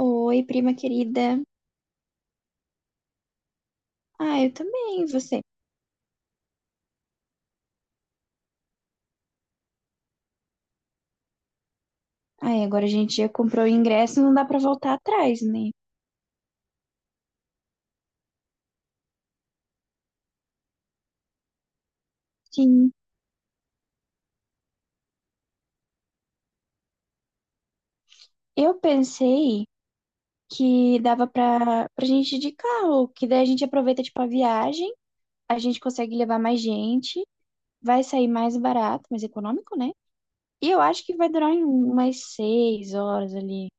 Oi, prima querida. Ah, eu também, e você? Ai, agora a gente já comprou o ingresso, não dá pra voltar atrás, né? Sim. Eu pensei que dava pra gente ir de carro, que daí a gente aproveita, tipo, a viagem, a gente consegue levar mais gente, vai sair mais barato, mais econômico, né? E eu acho que vai durar umas 6 horas ali.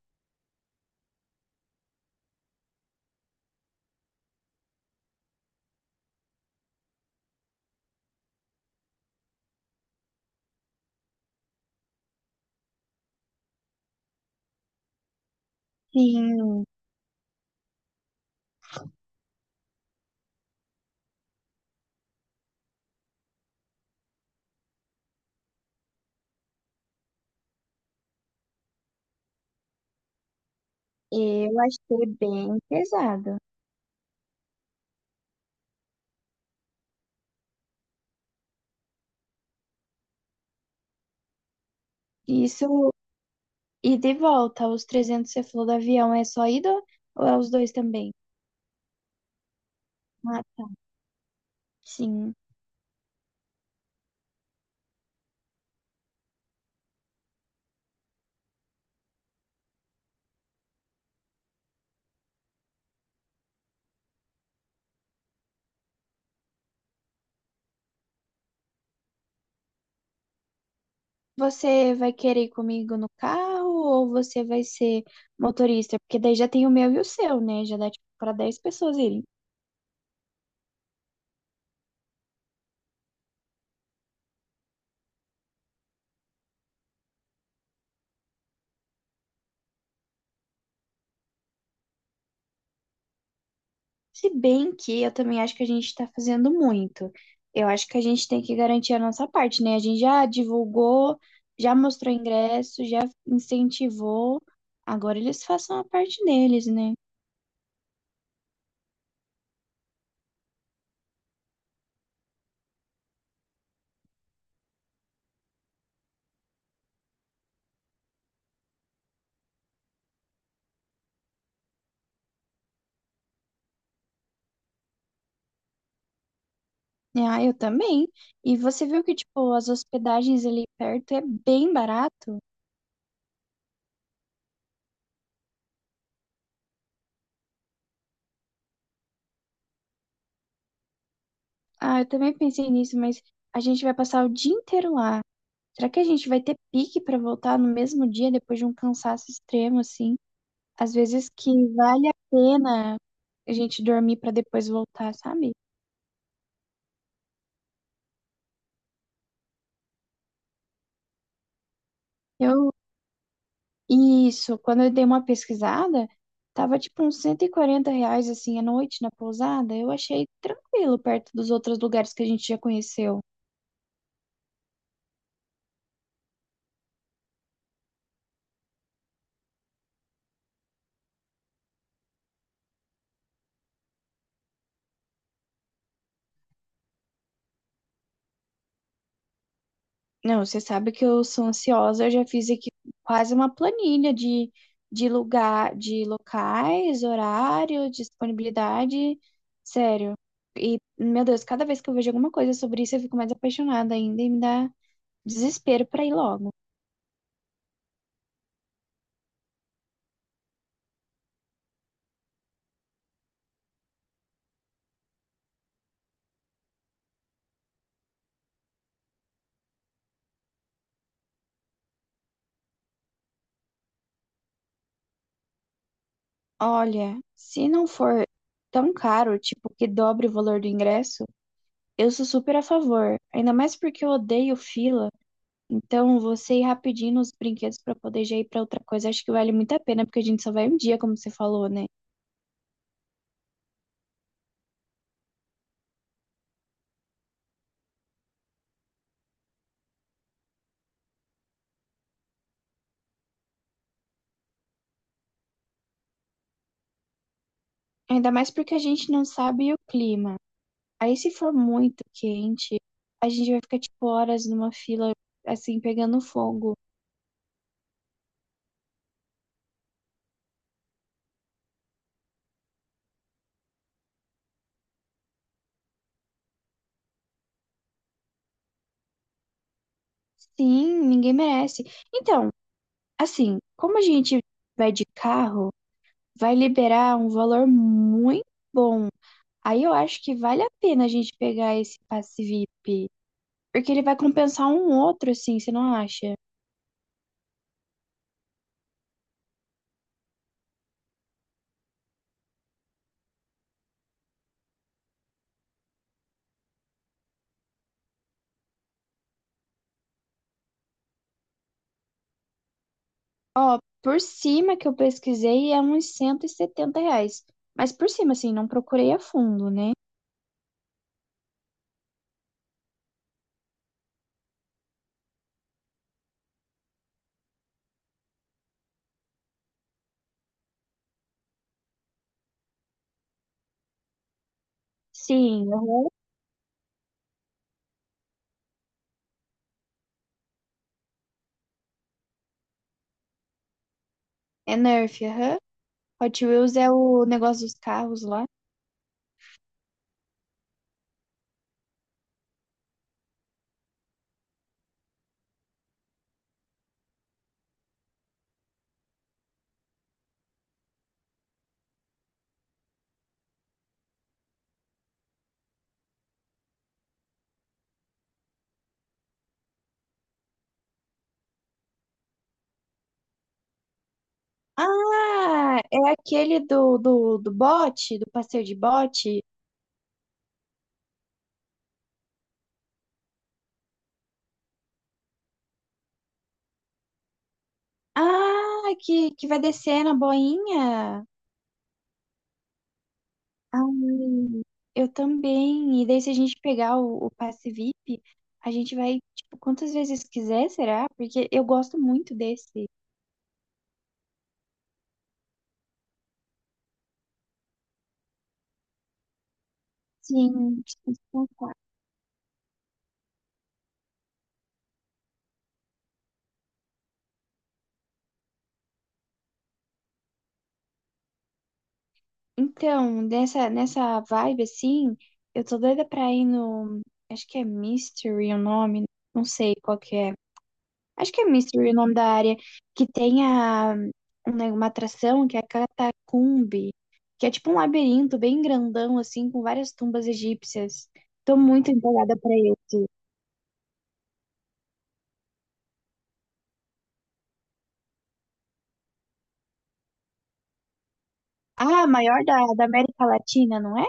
Sim, eu achei bem pesado. Isso, e de volta, os 300 que você falou do avião, é só ida ou é os dois também? Ah, sim. Você vai querer ir comigo no carro ou você vai ser motorista? Porque daí já tem o meu e o seu, né? Já dá tipo para 10 pessoas irem. Se bem que eu também acho que a gente tá fazendo muito. Eu acho que a gente tem que garantir a nossa parte, né? A gente já divulgou, já mostrou ingresso, já incentivou. Agora eles façam a parte deles, né? Ah, eu também. E você viu que, tipo, as hospedagens ali perto é bem barato? Ah, eu também pensei nisso, mas a gente vai passar o dia inteiro lá. Será que a gente vai ter pique pra voltar no mesmo dia depois de um cansaço extremo, assim? Às vezes que vale a pena a gente dormir pra depois voltar, sabe? Eu, isso, quando eu dei uma pesquisada, tava tipo uns R$ 140, assim, a noite na pousada. Eu achei tranquilo perto dos outros lugares que a gente já conheceu. Não, você sabe que eu sou ansiosa, eu já fiz aqui quase uma planilha de, lugar, de locais, horário, disponibilidade. Sério. E, meu Deus, cada vez que eu vejo alguma coisa sobre isso, eu fico mais apaixonada ainda e me dá desespero pra ir logo. Olha, se não for tão caro, tipo, que dobre o valor do ingresso, eu sou super a favor. Ainda mais porque eu odeio fila. Então, você ir rapidinho nos brinquedos para poder já ir para outra coisa, acho que vale muito a pena, porque a gente só vai um dia, como você falou, né? Ainda mais porque a gente não sabe o clima. Aí, se for muito quente, a gente vai ficar, tipo, horas numa fila, assim, pegando fogo. Sim, ninguém merece. Então, assim, como a gente vai de carro, vai liberar um valor muito bom. Aí eu acho que vale a pena a gente pegar esse passe VIP, porque ele vai compensar um outro, assim, você não acha? Ó, por cima que eu pesquisei é uns R$ 170. Mas por cima, assim, não procurei a fundo, né? Sim, aham. É Nerf, aham. Hot Wheels é o negócio dos carros lá. Ah, é aquele do bote, do passeio de bote. Ah, que vai descer na boinha. Ai, eu também. E daí, se a gente pegar o passe VIP, a gente vai, tipo, quantas vezes quiser, será? Porque eu gosto muito desse. Sim, tipo. Então, nessa vibe assim, eu tô doida pra ir no. Acho que é Mystery o nome, não sei qual que é. Acho que é Mystery o nome da área, que tem a, um uma atração que é a Catacumbi, que é tipo um labirinto bem grandão, assim, com várias tumbas egípcias. Tô muito empolgada pra esse. Ah, maior da América Latina, não é?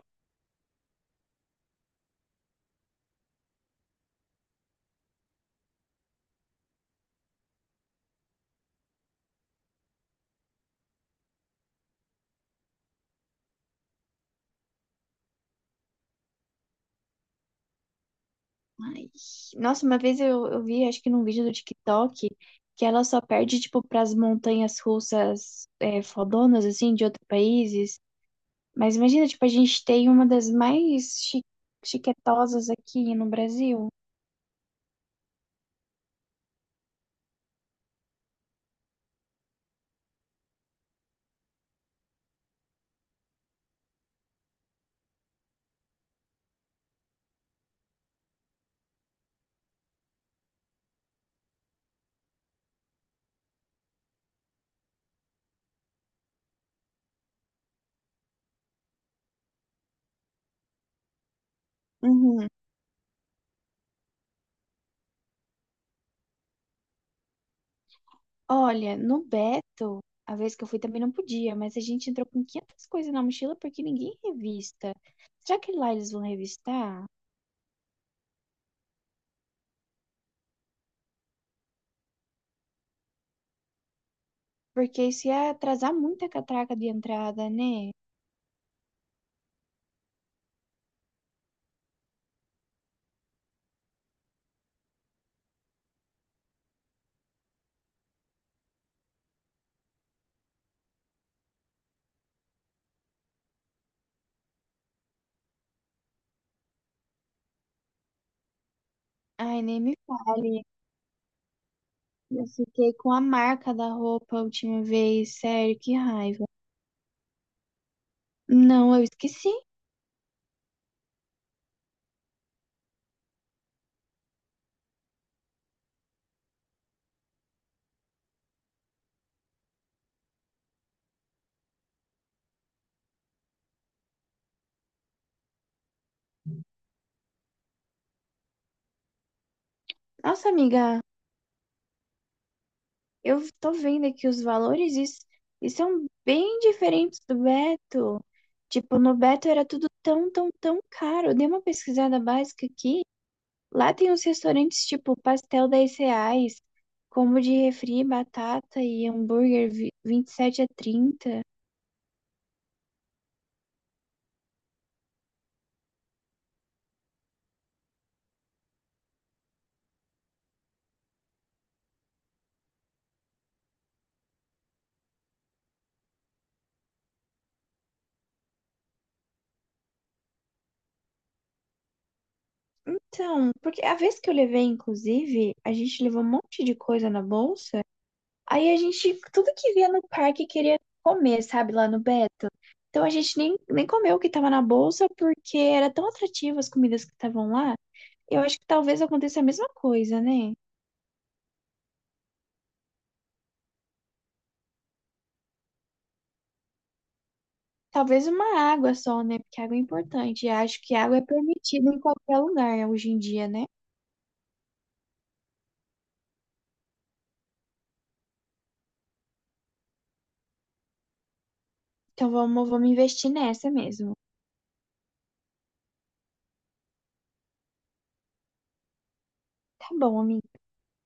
Nossa, uma vez eu vi, acho que num vídeo do TikTok, que ela só perde, tipo, pras montanhas russas fodonas, assim, de outros países. Mas imagina, tipo, a gente tem uma das mais chiquetosas aqui no Brasil. Uhum. Olha, no Beto, a vez que eu fui também não podia, mas a gente entrou com 500 coisas na mochila porque ninguém revista. Será que lá eles vão revistar? Porque isso ia atrasar muito a catraca de entrada, né? Ai, nem me fale. Eu fiquei com a marca da roupa a última vez, sério, que raiva. Não, eu esqueci. Nossa, amiga, eu tô vendo aqui os valores e, e são bem diferentes do Beto. Tipo, no Beto era tudo tão, tão, tão caro. Eu dei uma pesquisada básica aqui. Lá tem uns restaurantes tipo pastel R$ 10, combo de refri, batata e hambúrguer 27 a 30. Então, porque a vez que eu levei, inclusive, a gente levou um monte de coisa na bolsa. Aí a gente, tudo que via no parque queria comer, sabe, lá no Beto. Então a gente nem comeu o que tava na bolsa porque era tão atrativo as comidas que estavam lá. Eu acho que talvez aconteça a mesma coisa, né? Talvez uma água só, né? Porque água é importante. E acho que água é permitida em qualquer lugar hoje em dia, né? Então vamos investir nessa mesmo. Tá bom, amiga.